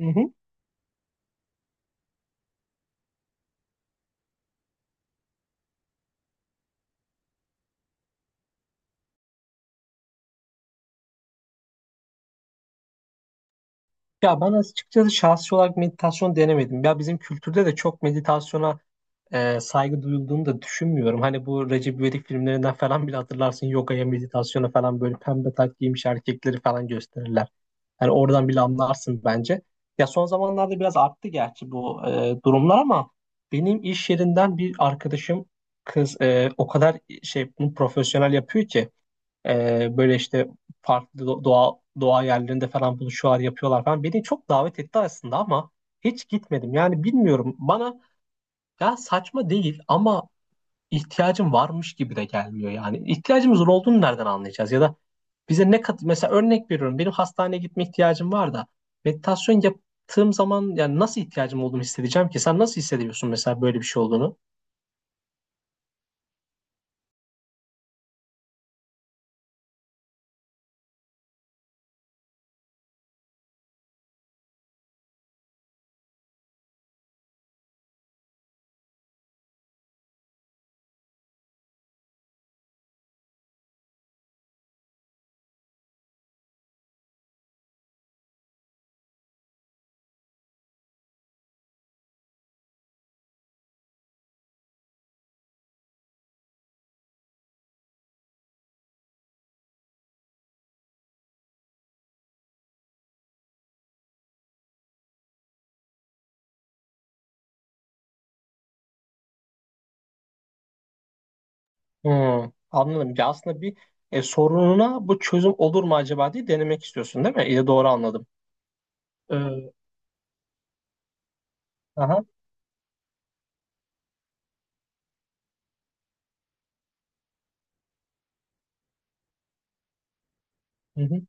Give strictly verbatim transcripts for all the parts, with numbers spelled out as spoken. Hı hı. Ya ben açıkçası şahsi olarak meditasyon denemedim. Ya bizim kültürde de çok meditasyona e, saygı duyulduğunu da düşünmüyorum. Hani bu Recep İvedik filmlerinden falan bile hatırlarsın yogaya, meditasyona falan böyle pembe tak giymiş erkekleri falan gösterirler. Hani oradan bile anlarsın bence. Ya son zamanlarda biraz arttı gerçi bu e, durumlar ama benim iş yerinden bir arkadaşım kız e, o kadar şey bunu profesyonel yapıyor ki. Ee, böyle işte farklı do- doğa doğa yerlerinde falan buluşuyorlar, yapıyorlar falan. Beni çok davet etti aslında ama hiç gitmedim. Yani bilmiyorum, bana ya saçma değil ama ihtiyacım varmış gibi de gelmiyor yani. İhtiyacımızın olduğunu nereden anlayacağız ya da bize ne kat, mesela örnek veriyorum, benim hastaneye gitme ihtiyacım var da meditasyon yaptığım zaman yani nasıl ihtiyacım olduğunu hissedeceğim ki? Sen nasıl hissediyorsun mesela böyle bir şey olduğunu? Hmm, anladım. Ya aslında bir e, sorununa bu çözüm olur mu acaba diye denemek istiyorsun, değil mi? İyi, doğru anladım. Ee, Aha. Hı hı.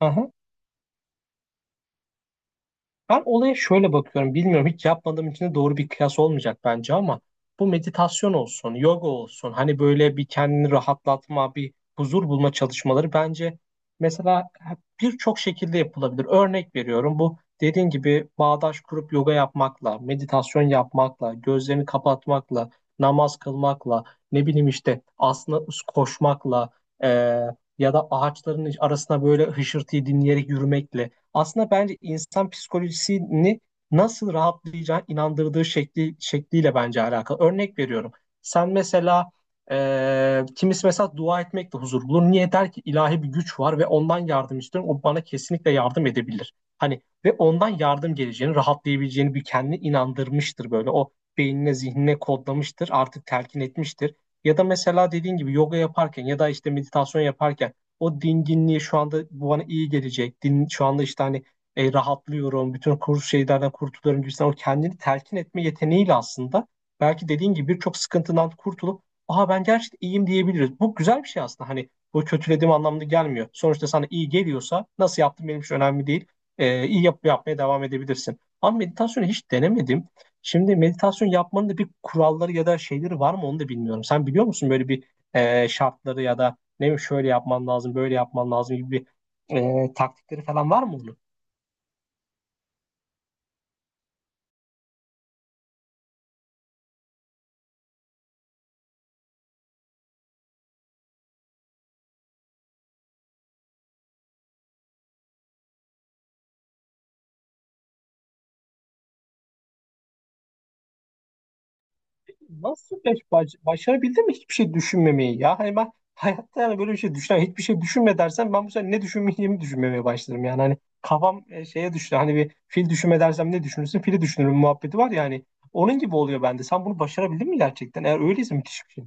Aha. Ben olaya şöyle bakıyorum. Bilmiyorum, hiç yapmadığım için de doğru bir kıyas olmayacak bence ama bu meditasyon olsun, yoga olsun, hani böyle bir kendini rahatlatma, bir huzur bulma çalışmaları bence mesela birçok şekilde yapılabilir. Örnek veriyorum, bu dediğin gibi bağdaş kurup yoga yapmakla, meditasyon yapmakla, gözlerini kapatmakla, namaz kılmakla, ne bileyim işte aslında koşmakla, eee, ya da ağaçların arasına böyle hışırtıyı dinleyerek yürümekle aslında bence insan psikolojisini nasıl rahatlayacağına inandırdığı şekli, şekliyle bence alakalı. Örnek veriyorum. Sen mesela, e, kimisi mesela dua etmekle huzur bulur. Niye der ki ilahi bir güç var ve ondan yardım istiyorum. O bana kesinlikle yardım edebilir. Hani ve ondan yardım geleceğini, rahatlayabileceğini bir kendini inandırmıştır böyle. O beynine, zihnine kodlamıştır, artık telkin etmiştir. Ya da mesela dediğin gibi yoga yaparken ya da işte meditasyon yaparken o dinginliği, şu anda bu bana iyi gelecek. Din, şu anda işte hani e, rahatlıyorum, bütün kuru şeylerden kurtuluyorum gibisinden o kendini telkin etme yeteneğiyle aslında belki dediğin gibi birçok sıkıntından kurtulup aha ben gerçekten iyiyim diyebiliriz. Bu güzel bir şey aslında, hani bu kötülediğim anlamda gelmiyor. Sonuçta sana iyi geliyorsa nasıl yaptın benim için önemli değil. E, iyi yap, yapmaya devam edebilirsin. Ama meditasyonu hiç denemedim. Şimdi meditasyon yapmanın da bir kuralları ya da şeyleri var mı onu da bilmiyorum. Sen biliyor musun böyle bir e, şartları ya da ne, şöyle yapman lazım, böyle yapman lazım gibi bir e, taktikleri falan var mı onun? Nasıl, baş, başarabildin mi hiçbir şey düşünmemeyi ya? Hani ben hayatta yani böyle bir şey düşünen, hiçbir şey düşünme dersen ben bu sefer ne düşünmeyeceğimi düşünmemeye başlarım yani. Hani kafam e, şeye düştü. Hani bir fil düşünme dersem ne düşünürsün? Fili düşünürüm muhabbeti var ya hani. Onun gibi oluyor bende. Sen bunu başarabildin mi gerçekten? Eğer öyleyse müthiş bir şey.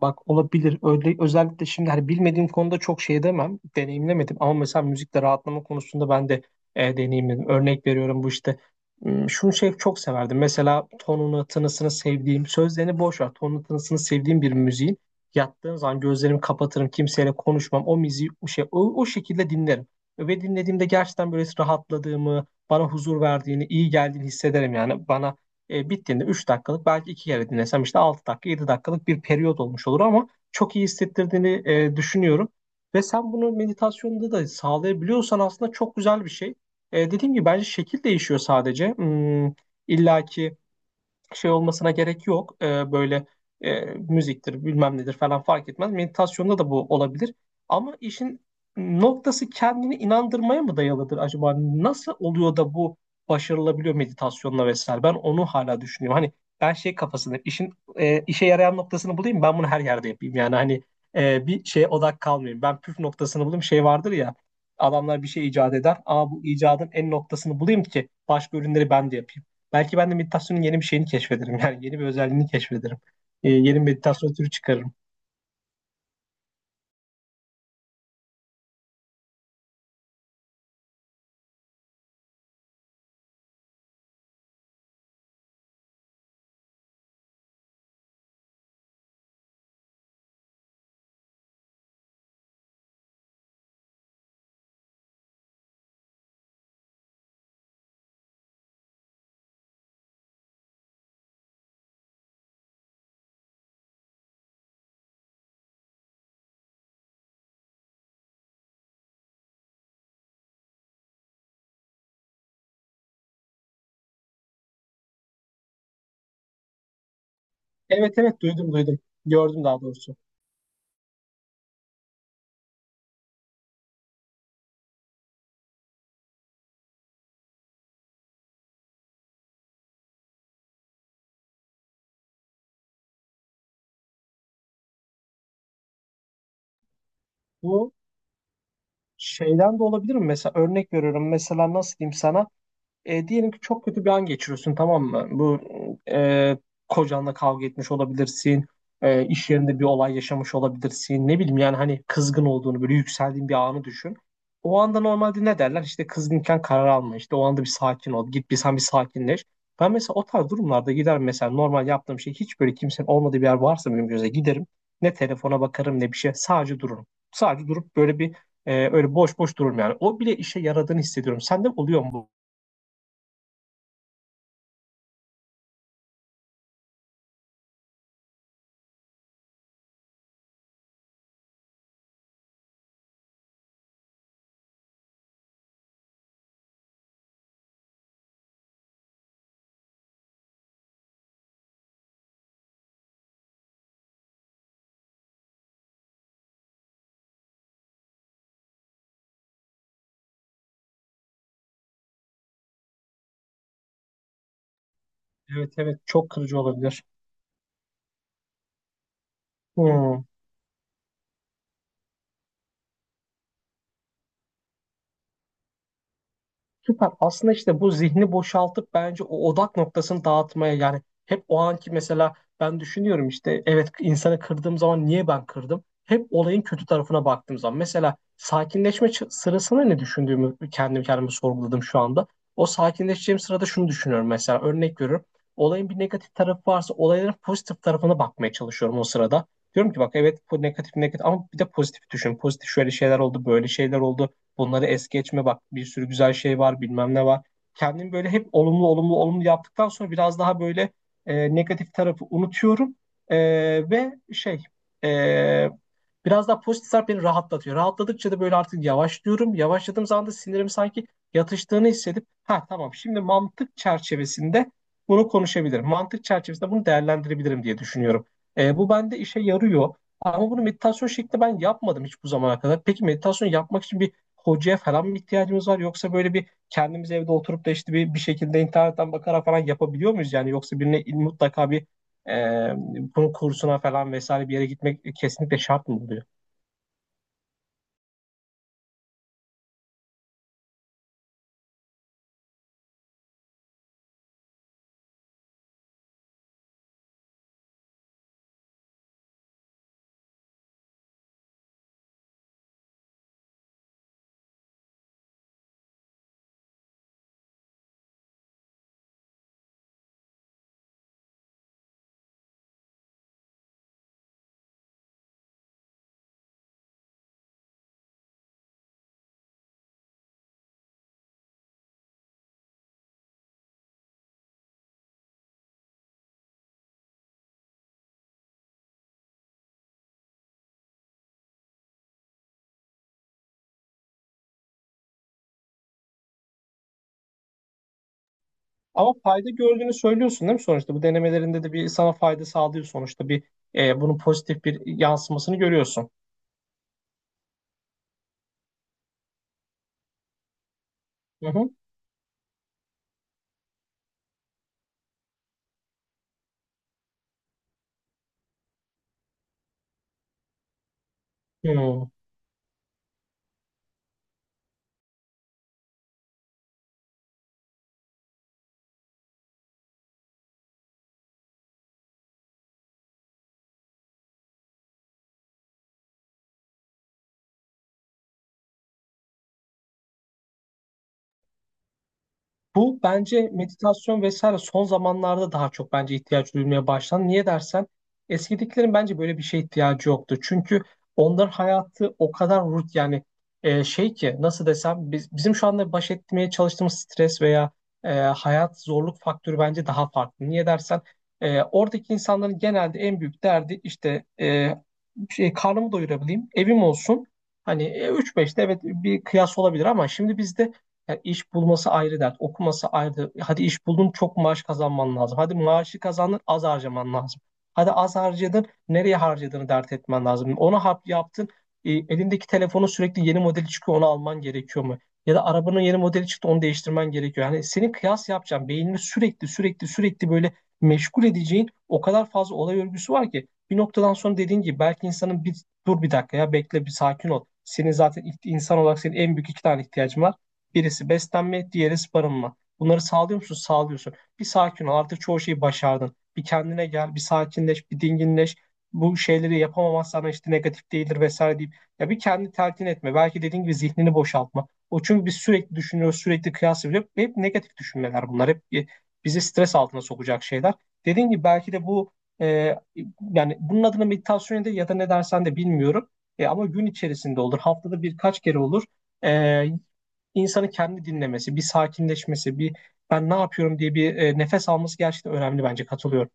Bak olabilir. Öyle, özellikle şimdi hani bilmediğim konuda çok şey demem. Deneyimlemedim ama mesela müzikte rahatlama konusunda ben de e, deneyimledim. Örnek veriyorum bu işte. Hmm, Şunu şey çok severdim. Mesela tonunu, tınısını sevdiğim, sözlerini boş ver. Tonunu, tınısını sevdiğim bir müziğin yattığım zaman gözlerimi kapatırım, kimseyle konuşmam. O müziği o şey o, o şekilde dinlerim. Ve dinlediğimde gerçekten böyle rahatladığımı, bana huzur verdiğini, iyi geldiğini hissederim yani. Bana, e, bittiğinde üç dakikalık, belki iki kere dinlesem işte altı dakika yedi dakikalık bir periyot olmuş olur ama çok iyi hissettirdiğini e, düşünüyorum. Ve sen bunu meditasyonda da sağlayabiliyorsan aslında çok güzel bir şey. E, dediğim gibi bence şekil değişiyor sadece. Hmm, illaki şey olmasına gerek yok. Ee, böyle e, müziktir, bilmem nedir falan fark etmez. Meditasyonda da bu olabilir. Ama işin noktası kendini inandırmaya mı dayalıdır acaba? Nasıl oluyor da bu başarılabiliyor meditasyonla vesaire? Ben onu hala düşünüyorum. Hani ben şey kafasındayım. İşin e, işe yarayan noktasını bulayım. Ben bunu her yerde yapayım. Yani hani e, bir şeye odak kalmayayım. Ben püf noktasını bulayım. Şey vardır ya. Adamlar bir şey icat eder. Aa bu icadın en noktasını bulayım ki başka ürünleri ben de yapayım. Belki ben de meditasyonun yeni bir şeyini keşfederim. Yani yeni bir özelliğini keşfederim. Ee, yeni bir meditasyon türü çıkarırım. Evet evet, duydum duydum. Gördüm daha doğrusu. Bu şeyden de olabilir mi? Mesela örnek veriyorum. Mesela nasıl diyeyim sana? E, diyelim ki çok kötü bir an geçiriyorsun, tamam mı? Bu e, kocanla kavga etmiş olabilirsin. E, iş yerinde bir olay yaşamış olabilirsin. Ne bileyim yani, hani kızgın olduğunu, böyle yükseldiğin bir anı düşün. O anda normalde ne derler? İşte kızgınken karar alma. İşte o anda bir sakin ol. Git bir, sen bir sakinleş. Ben mesela o tarz durumlarda gider mesela, normal yaptığım şey, hiç böyle kimsenin olmadığı bir yer varsa benim göze giderim. Ne telefona bakarım ne bir şey. Sadece dururum. Sadece durup böyle bir, e, öyle boş boş dururum yani. O bile işe yaradığını hissediyorum. Sende oluyor mu bu? Evet evet, çok kırıcı olabilir. Hmm, süper. Aslında işte bu zihni boşaltıp bence o odak noktasını dağıtmaya, yani hep o anki mesela ben düşünüyorum işte, evet insanı kırdığım zaman niye ben kırdım? Hep olayın kötü tarafına baktığım zaman, mesela sakinleşme ç- sırasında ne düşündüğümü kendim kendime sorguladım şu anda. O sakinleşeceğim sırada şunu düşünüyorum mesela, örnek veriyorum. Olayın bir negatif tarafı varsa olayların pozitif tarafına bakmaya çalışıyorum o sırada. Diyorum ki bak evet bu negatif negatif ama bir de pozitif düşün. Pozitif şöyle şeyler oldu, böyle şeyler oldu. Bunları es geçme, bak bir sürü güzel şey var, bilmem ne var. Kendimi böyle hep olumlu olumlu olumlu yaptıktan sonra biraz daha böyle e, negatif tarafı unutuyorum. E, Ve şey, e, biraz daha pozitif taraf beni rahatlatıyor. Rahatladıkça da böyle artık yavaşlıyorum. Yavaşladığım zaman da sinirim sanki yatıştığını hissedip, ha tamam şimdi mantık çerçevesinde bunu konuşabilirim. Mantık çerçevesinde bunu değerlendirebilirim diye düşünüyorum. E, bu bende işe yarıyor. Ama bunu meditasyon şeklinde ben yapmadım hiç bu zamana kadar. Peki meditasyon yapmak için bir hocaya falan mı ihtiyacımız var? Yoksa böyle bir kendimiz evde oturup da işte bir, bir şekilde internetten bakarak falan yapabiliyor muyuz? Yani yoksa birine mutlaka bir e, bunun kursuna falan vesaire bir yere gitmek kesinlikle şart mı oluyor? Ama fayda gördüğünü söylüyorsun değil mi sonuçta? Bu denemelerinde de bir sana fayda sağlıyor sonuçta. Bir e, bunun pozitif bir yansımasını görüyorsun. Hı hı. Hı. Bu bence meditasyon vesaire son zamanlarda daha çok bence ihtiyaç duyulmaya başlandı. Niye dersen eskidekilerin bence böyle bir şeye ihtiyacı yoktu. Çünkü onların hayatı o kadar rut yani e, şey ki, nasıl desem, biz, bizim şu anda baş etmeye çalıştığımız stres veya e, hayat zorluk faktörü bence daha farklı. Niye dersen e, oradaki insanların genelde en büyük derdi işte, e, şey, karnımı doyurabileyim, evim olsun. Hani üç beşte evet bir kıyas olabilir ama şimdi bizde yani iş bulması ayrı dert, okuması ayrı. Hadi iş buldun, çok maaş kazanman lazım. Hadi maaşı kazandın, az harcaman lazım. Hadi az harcadın, nereye harcadığını dert etmen lazım. Onu hap yaptın, e, elindeki telefonun sürekli yeni modeli çıkıyor, onu alman gerekiyor mu? Ya da arabanın yeni modeli çıktı, onu değiştirmen gerekiyor. Yani senin kıyas yapacağın, beynini sürekli sürekli sürekli böyle meşgul edeceğin o kadar fazla olay örgüsü var ki bir noktadan sonra dediğin gibi belki insanın bir dur bir dakika ya, bekle bir sakin ol. Senin zaten insan olarak senin en büyük iki tane ihtiyacın var. Birisi beslenme, diğeri barınma. Bunları sağlıyor musun? Sağlıyorsun. Bir sakin ol. Artık çoğu şeyi başardın. Bir kendine gel, bir sakinleş, bir dinginleş. Bu şeyleri yapamamazsan işte negatif değildir vesaire deyip ya bir kendi telkin etme. Belki dediğin gibi zihnini boşaltma. O, çünkü biz sürekli düşünüyoruz, sürekli kıyas ediyoruz. Hep negatif düşünmeler bunlar. Hep e, bizi stres altına sokacak şeyler. Dediğin gibi belki de bu e, yani bunun adına meditasyon de ya da ne dersen de bilmiyorum. E, ama gün içerisinde olur. Haftada birkaç kere olur. E, insanı kendi dinlemesi, bir sakinleşmesi, bir ben ne yapıyorum diye bir e, nefes alması gerçekten önemli, bence katılıyorum.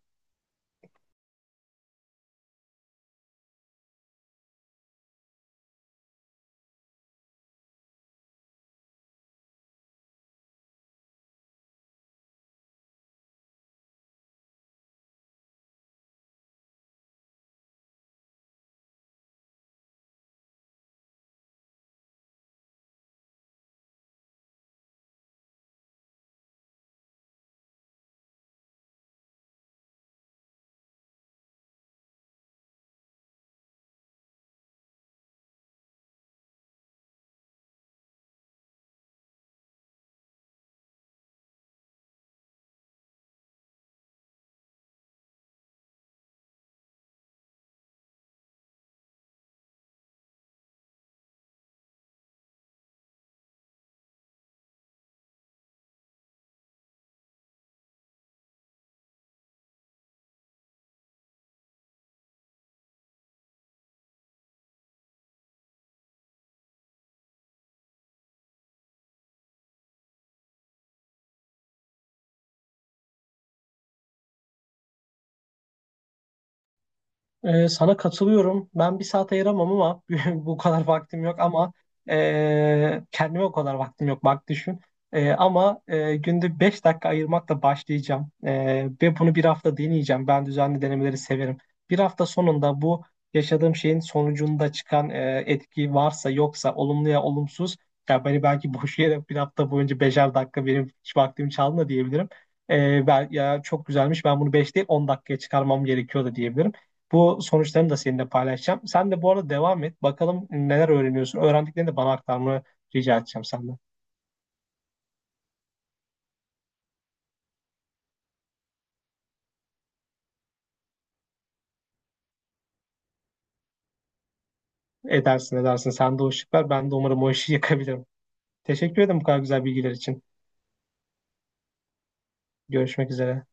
Ee, sana katılıyorum. Ben bir saat ayıramam ama bu kadar vaktim yok ama ee, kendime o kadar vaktim yok, bak düşün. Ee, ama ee, günde beş dakika ayırmakla başlayacağım. Ee, ve bunu bir hafta deneyeceğim. Ben düzenli denemeleri severim. Bir hafta sonunda bu yaşadığım şeyin sonucunda çıkan ee, etki varsa yoksa, olumlu ya olumsuz, ya beni belki boş yere bir hafta boyunca beşer dakika benim hiç vaktim çaldı da diyebilirim. Ee, ben, ya çok güzelmiş, ben bunu beş değil on dakikaya çıkarmam gerekiyor da diyebilirim. Bu sonuçlarını da seninle paylaşacağım. Sen de bu arada devam et. Bakalım neler öğreniyorsun. Öğrendiklerini de bana aktarmanı rica edeceğim senden. Edersin edersin. Sen de o ışık ver. Ben de umarım o işi yakabilirim. Teşekkür ederim bu kadar güzel bilgiler için. Görüşmek üzere.